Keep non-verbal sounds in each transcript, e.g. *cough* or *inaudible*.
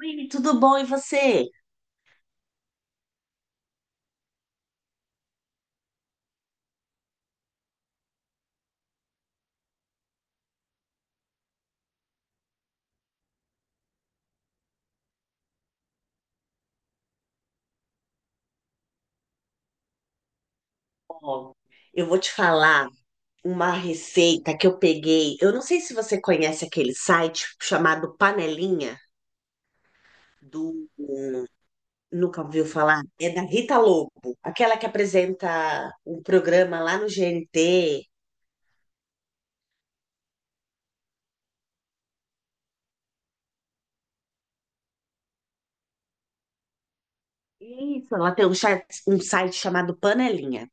Oi, tudo bom? E você? Ó, eu vou te falar uma receita que eu peguei. Eu não sei se você conhece aquele site chamado Panelinha do. Nunca ouviu falar? É da Rita Lobo, aquela que apresenta um programa lá no GNT. Isso, ela tem um, um site chamado Panelinha.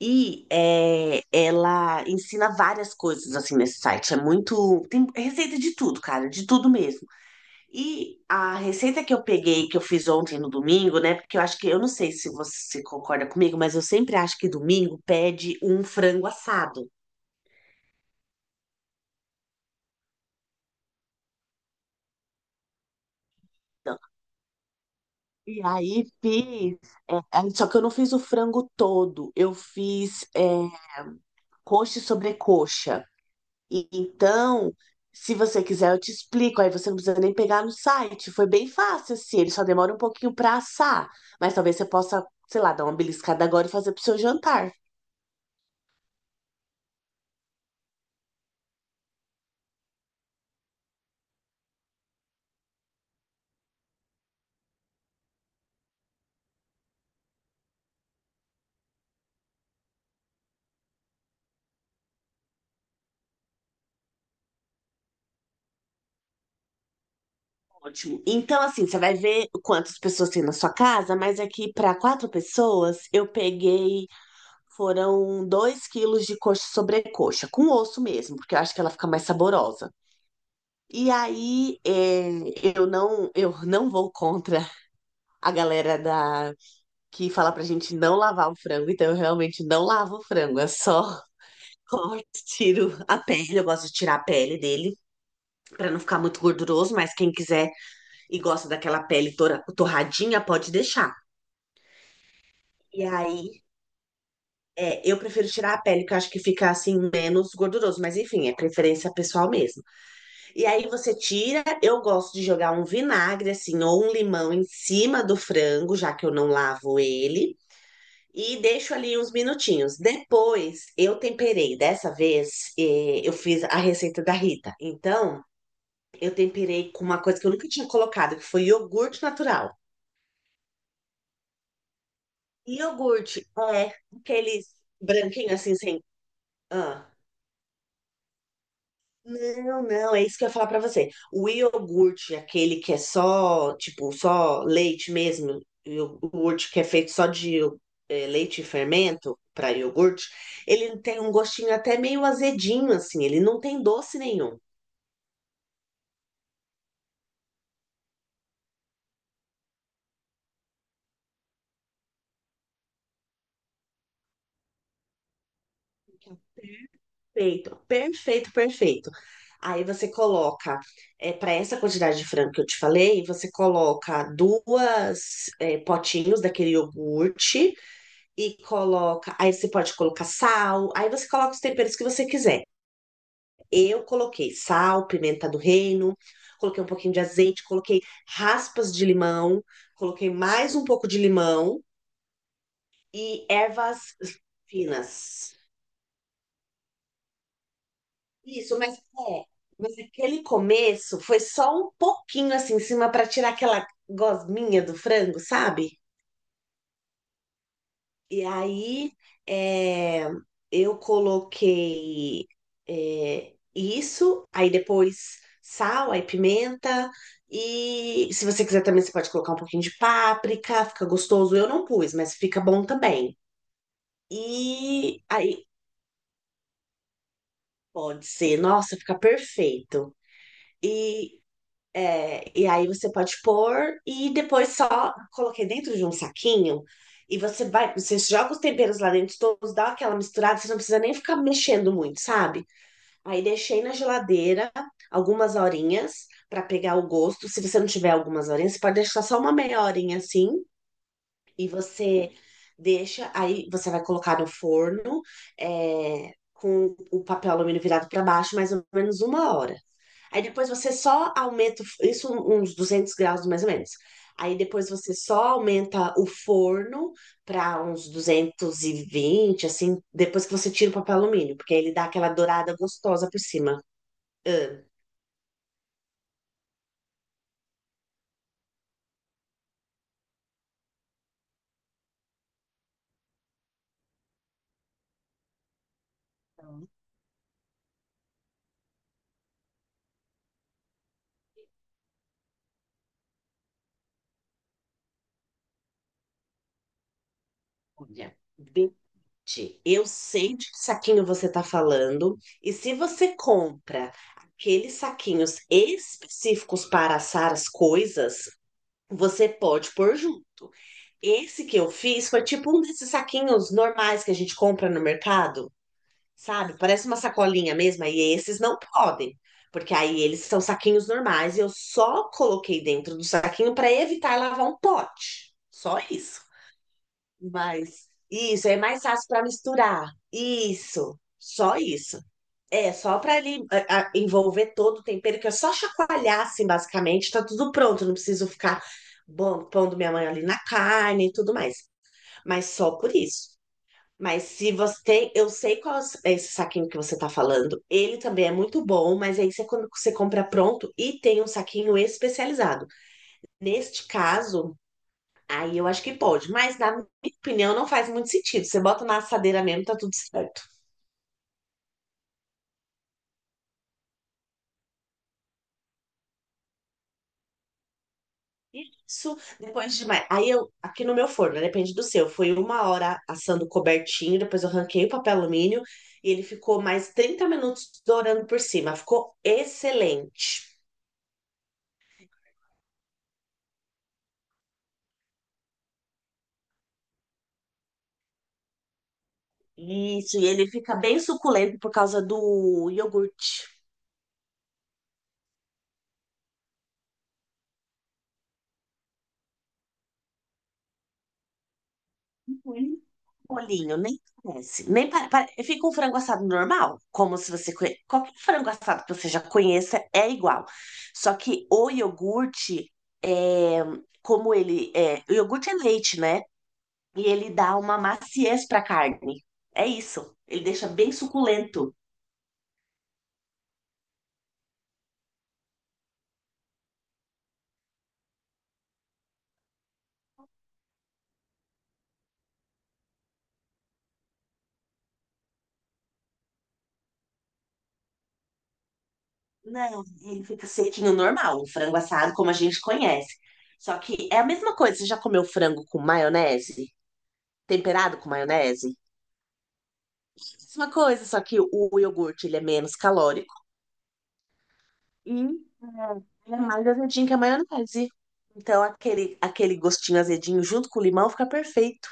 E é, ela ensina várias coisas assim nesse site. É muito. Tem receita de tudo, cara, de tudo mesmo. E a receita que eu peguei, que eu fiz ontem no domingo, né? Porque eu acho que, eu não sei se você concorda comigo, mas eu sempre acho que domingo pede um frango assado. Então, e aí fiz, só que eu não fiz o frango todo, eu fiz coxa e sobrecoxa. E então, se você quiser, eu te explico. Aí você não precisa nem pegar no site. Foi bem fácil, assim, ele só demora um pouquinho pra assar. Mas talvez você possa, sei lá, dar uma beliscada agora e fazer pro seu jantar. Ótimo. Então, assim, você vai ver quantas pessoas tem na sua casa, mas aqui para 4 pessoas eu peguei, foram 2 quilos de coxa sobrecoxa, com osso mesmo, porque eu acho que ela fica mais saborosa. E aí, é, eu não vou contra a galera da que fala pra gente não lavar o frango, então eu realmente não lavo o frango, é só *laughs* corto, tiro a pele, eu gosto de tirar a pele dele pra não ficar muito gorduroso, mas quem quiser e gosta daquela pele torradinha, pode deixar. E aí, é, eu prefiro tirar a pele, porque eu acho que fica assim menos gorduroso, mas enfim, é preferência pessoal mesmo. E aí você tira, eu gosto de jogar um vinagre assim ou um limão em cima do frango, já que eu não lavo ele. E deixo ali uns minutinhos. Depois eu temperei. Dessa vez eu fiz a receita da Rita. Então eu temperei com uma coisa que eu nunca tinha colocado, que foi iogurte natural. Iogurte, é, aqueles branquinhos assim, sem. Ah. Não, não, é isso que eu ia falar pra você. O iogurte, aquele que é só, tipo, só leite mesmo, iogurte que é feito só de leite e fermento para iogurte, ele tem um gostinho até meio azedinho, assim, ele não tem doce nenhum. Perfeito, perfeito, perfeito. Aí você coloca, para essa quantidade de frango que eu te falei, você coloca duas é, potinhos daquele iogurte e coloca. Aí você pode colocar sal, aí você coloca os temperos que você quiser. Eu coloquei sal, pimenta do reino, coloquei um pouquinho de azeite, coloquei raspas de limão, coloquei mais um pouco de limão e ervas finas. Isso, mas é, mas aquele começo foi só um pouquinho assim em cima para tirar aquela gosminha do frango, sabe? E aí é, eu coloquei isso, aí depois sal, aí pimenta. E se você quiser também, você pode colocar um pouquinho de páprica, fica gostoso. Eu não pus, mas fica bom também. E aí pode ser, nossa, fica perfeito. E é, e aí você pode pôr e depois só coloquei dentro de um saquinho e você vai, você joga os temperos lá dentro todos, dá aquela misturada, você não precisa nem ficar mexendo muito, sabe? Aí deixei na geladeira algumas horinhas para pegar o gosto. Se você não tiver algumas horinhas, você pode deixar só uma meia horinha assim. E você deixa, aí você vai colocar no forno, é, com o papel alumínio virado para baixo, mais ou menos 1 hora. Aí depois você só aumenta, isso uns 200 graus mais ou menos. Aí depois você só aumenta o forno para uns 220 assim, depois que você tira o papel alumínio, porque aí ele dá aquela dourada gostosa por cima. Ah, olha, gente, eu sei de que saquinho você está falando, e se você compra aqueles saquinhos específicos para assar as coisas, você pode pôr junto. Esse que eu fiz foi tipo um desses saquinhos normais que a gente compra no mercado, sabe? Parece uma sacolinha mesmo, e esses não podem, porque aí eles são saquinhos normais e eu só coloquei dentro do saquinho para evitar lavar um pote. Só isso. Mas isso é mais fácil para misturar. Isso, só isso. É, só para ele envolver todo o tempero, que é só chacoalhar, assim, basicamente, tá tudo pronto, não preciso ficar bom, pondo minha mãe ali na carne e tudo mais. Mas só por isso. Mas se você tem, eu sei qual é esse saquinho que você tá falando. Ele também é muito bom, mas aí você, quando você compra pronto e tem um saquinho especializado. Neste caso, aí eu acho que pode, mas na minha opinião não faz muito sentido. Você bota na assadeira mesmo, tá tudo certo. Isso, depois de mais. Aí eu, aqui no meu forno, né, depende do seu, foi 1 hora assando cobertinho, depois eu arranquei o papel alumínio e ele ficou mais 30 minutos dourando por cima. Ficou excelente. Isso, e ele fica bem suculento por causa do iogurte. Molinho, nem parece. Nem pare- pare- Fica um frango assado normal, como se você conhe... qualquer frango assado que você já conheça é igual. Só que o iogurte é como ele é, o iogurte é leite, né? E ele dá uma maciez para a carne. É isso. Ele deixa bem suculento. Não, ele fica sequinho normal, um frango assado como a gente conhece. Só que é a mesma coisa. Você já comeu frango com maionese? Temperado com maionese? Mesma coisa, só que o iogurte ele é menos calórico e ele é mais azedinho que a maionese. Então aquele, aquele gostinho azedinho junto com o limão fica perfeito.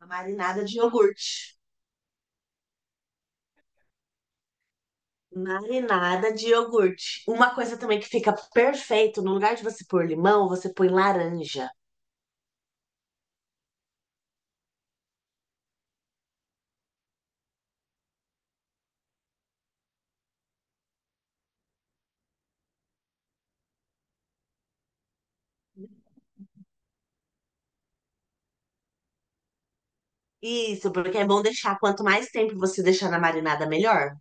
A marinada de iogurte. Marinada de iogurte. Uma coisa também que fica perfeito, no lugar de você pôr limão, você põe laranja. Isso, porque é bom deixar. Quanto mais tempo você deixar na marinada, melhor.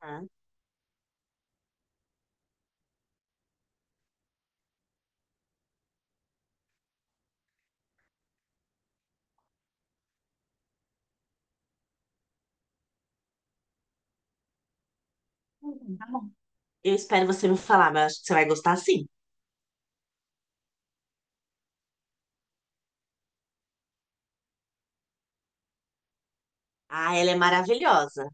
Tá? Tá bom. Eu espero você me falar, mas eu acho que você vai gostar sim. Ah, ela é maravilhosa.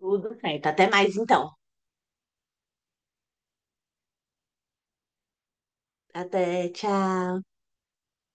Tudo certo. Até mais então. Até, tchau.